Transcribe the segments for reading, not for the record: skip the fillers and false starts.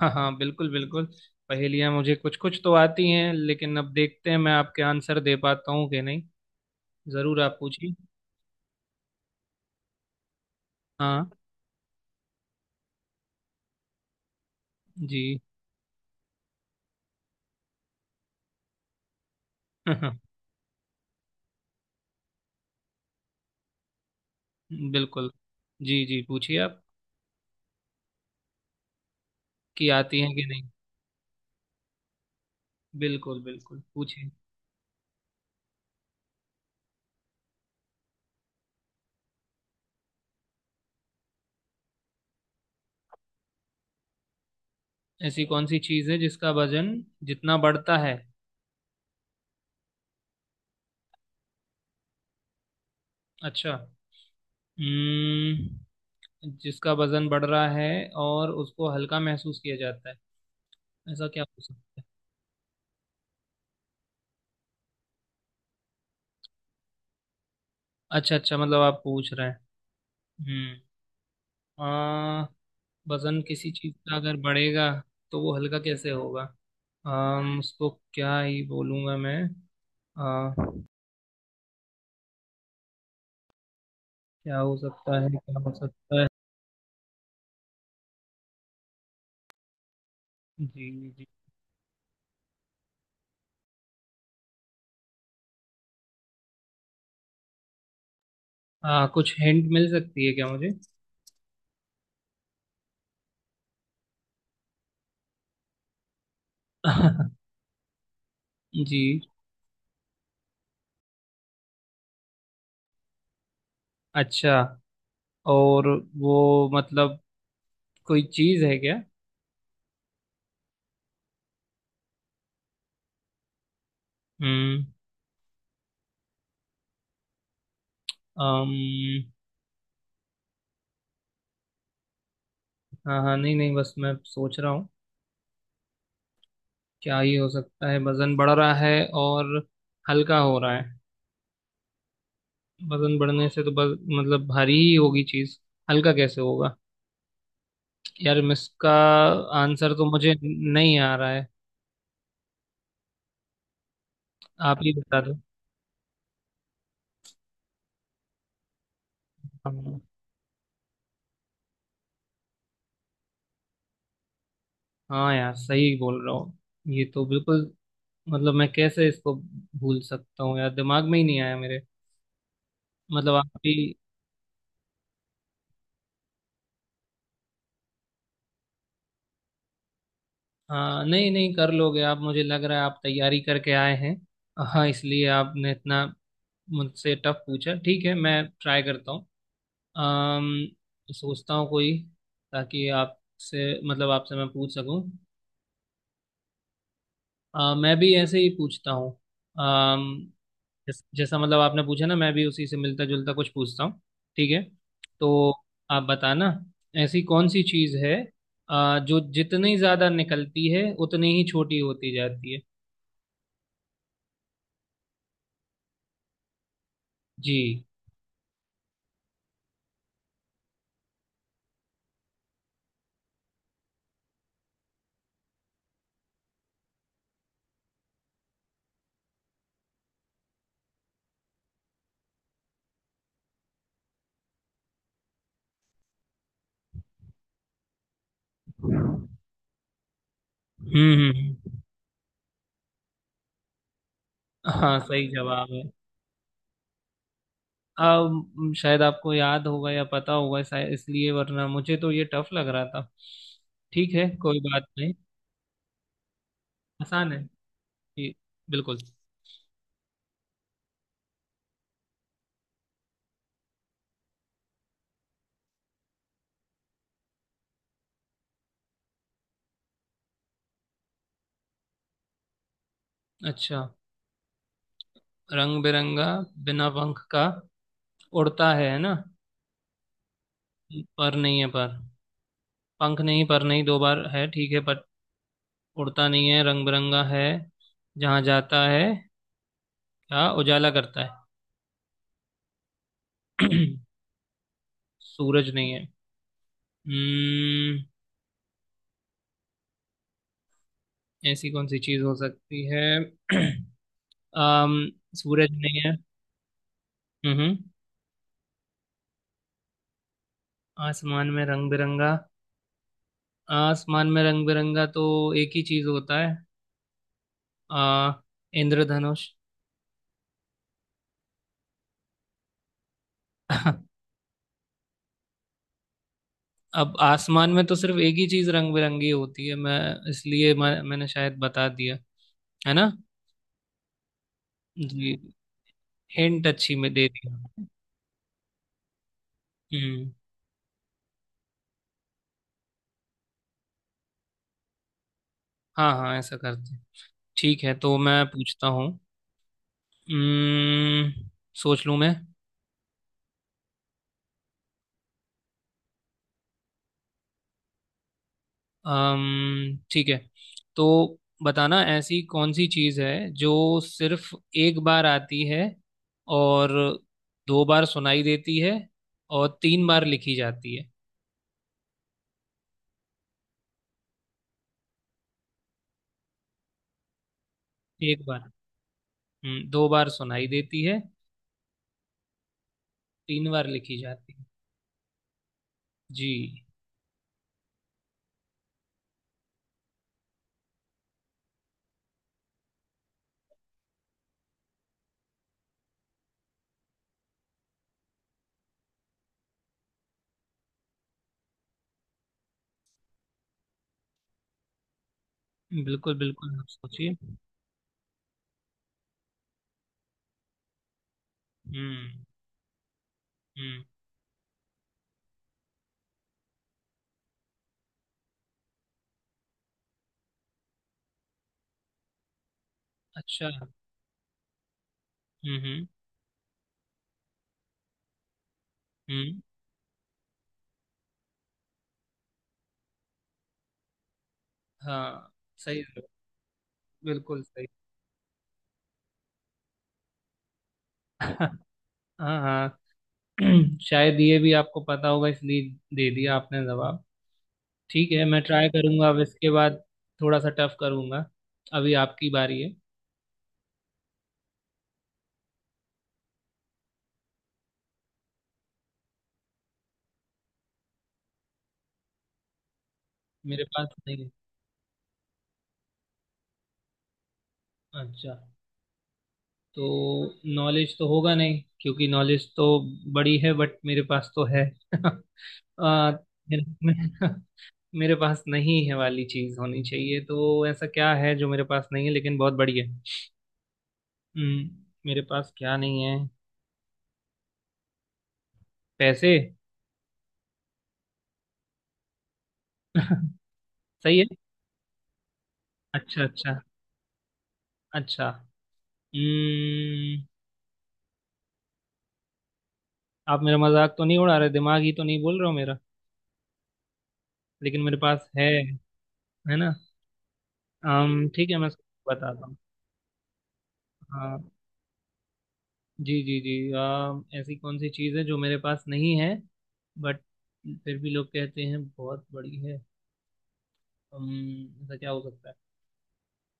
हाँ हाँ, बिल्कुल बिल्कुल। पहेलियाँ मुझे कुछ कुछ तो आती हैं, लेकिन अब देखते हैं मैं आपके आंसर दे पाता हूँ कि नहीं। जरूर, आप पूछिए। हाँ जी। बिल्कुल। जी जी, पूछिए आप। कि आती हैं कि नहीं। बिल्कुल बिल्कुल, पूछिए। ऐसी कौन सी चीज़ है जिसका वजन जितना बढ़ता है। अच्छा। हम्म। जिसका वजन बढ़ रहा है और उसको हल्का महसूस किया जाता है, ऐसा क्या हो सकता है। अच्छा अच्छा, मतलब आप पूछ रहे हैं। हम्म। वजन किसी चीज का अगर बढ़ेगा तो वो हल्का कैसे होगा। अम उसको क्या ही बोलूँगा मैं। अ, क्या हो सकता है, क्या हो सकता है। जी जी। कुछ हिंट मिल सकती है क्या मुझे। जी। अच्छा। और वो मतलब कोई चीज है क्या। हम्म। अम, हाँ हाँ, नहीं नहीं, बस मैं सोच रहा हूँ। क्या ही हो सकता है, वजन बढ़ रहा है और हल्का हो रहा है। वजन बढ़ने से तो बस मतलब भारी ही होगी चीज, हल्का कैसे होगा। यार इसका आंसर तो मुझे नहीं आ रहा है, आप ही बता दो। हाँ हाँ, यार सही बोल रहा हूँ, ये तो बिल्कुल मतलब मैं कैसे इसको भूल सकता हूँ यार, दिमाग में ही नहीं आया मेरे, मतलब आप भी। हाँ, नहीं नहीं, कर लोगे आप, मुझे लग रहा है आप तैयारी करके आए हैं। हाँ, इसलिए आपने इतना मुझसे टफ पूछा। ठीक है, मैं ट्राई करता हूँ। सोचता हूँ कोई, ताकि आपसे मतलब आपसे मैं पूछ सकूं। मैं भी ऐसे ही पूछता हूँ। अम्म जैसा मतलब आपने पूछा ना, मैं भी उसी से मिलता जुलता कुछ पूछता हूँ। ठीक है तो आप बताना, ऐसी कौन सी चीज़ है जो जितनी ज़्यादा निकलती है उतनी ही छोटी होती जाती है। जी। हम्म हम्म हम्म। हाँ सही जवाब है। अब शायद आपको याद होगा या पता होगा शायद, इसलिए, वरना मुझे तो ये टफ लग रहा था। ठीक है, कोई बात नहीं। आसान है जी, बिल्कुल। अच्छा, रंग बिरंगा, बिना पंख का उड़ता है ना। पर नहीं है, पर पंख नहीं पर नहीं दो बार है, ठीक है। पर उड़ता नहीं है, रंग बिरंगा है। जहाँ जाता है, क्या उजाला करता है। सूरज नहीं है। हम्म। ऐसी कौन सी चीज हो सकती है। अम सूरज नहीं है। हम्म। आसमान में रंग बिरंगा। आसमान में रंग बिरंगा तो एक ही चीज होता है, आ इंद्रधनुष। अब आसमान में तो सिर्फ एक ही चीज रंग बिरंगी होती है, मैं इसलिए मैंने शायद बता दिया, है ना। जी। हिंट अच्छी में दे दिया। हम्म। हाँ हाँ, ऐसा करते हैं। ठीक है, तो मैं पूछता हूँ। हम्म सोच लूँ मैं। ठीक है, तो बताना, ऐसी कौन सी चीज है जो सिर्फ एक बार आती है, और दो बार सुनाई देती है, और तीन बार लिखी जाती है। एक बार। हम्म। दो बार सुनाई देती है। तीन बार लिखी जाती है। जी। बिल्कुल बिल्कुल, आप सोचिए। हम्म। हम्म। अच्छा। हम्म हम्म हम्म। हाँ सही, बिल्कुल सही। हाँ हाँ। शायद ये भी आपको पता होगा, इसलिए दे दिया आपने जवाब। ठीक है, मैं ट्राई करूंगा अब इसके बाद, थोड़ा सा टफ करूंगा। अभी आपकी बारी है। मेरे पास नहीं है, अच्छा। तो नॉलेज तो होगा नहीं, क्योंकि नॉलेज तो बड़ी है, बट मेरे पास तो है। आ, मेरे मेरे पास नहीं है वाली चीज होनी चाहिए, तो ऐसा क्या है जो मेरे पास नहीं है लेकिन बहुत बड़ी है। हम्म, मेरे पास क्या नहीं है, पैसे। सही है। अच्छा अच्छा। अच्छा। हम्म, आप मेरा मजाक तो नहीं उड़ा रहे, दिमाग ही तो नहीं बोल रहे हो मेरा, लेकिन मेरे पास है ना। ठीक है, मैं इसको बताता हूँ। हाँ। जी जी जी, ऐसी कौन सी चीज़ है जो मेरे पास नहीं है, बट फिर भी लोग कहते हैं बहुत बड़ी है। ऐसा क्या हो सकता है,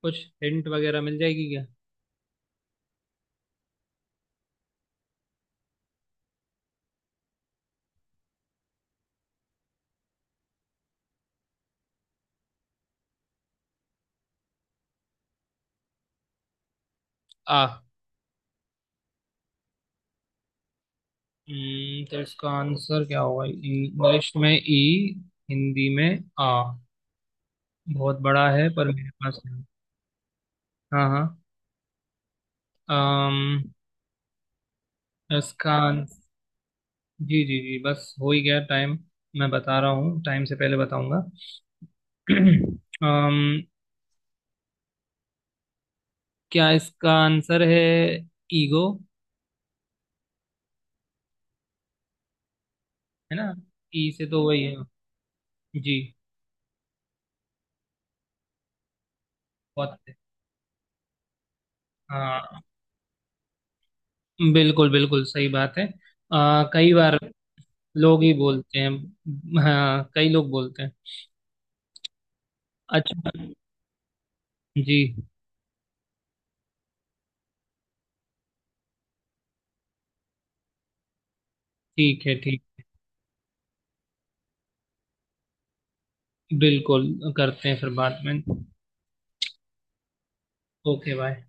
कुछ हिंट वगैरह मिल जाएगी क्या। आ तो इसका आंसर क्या होगा, इंग्लिश में ई, हिंदी में आ, बहुत बड़ा है पर मेरे पास नहीं। हाँ हाँ। अम, इसका आंसर। जी जी जी, बस हो ही गया टाइम, मैं बता रहा हूँ, टाइम से पहले बताऊंगा। अम, क्या इसका आंसर है, ईगो। है ना, ई से तो वही है। जी। बहुत, हाँ, बिल्कुल बिल्कुल सही बात है। कई बार लोग ही बोलते हैं, हाँ कई लोग बोलते हैं। अच्छा। जी ठीक है, ठीक। बिल्कुल, करते हैं फिर बाद में। Okay, bye.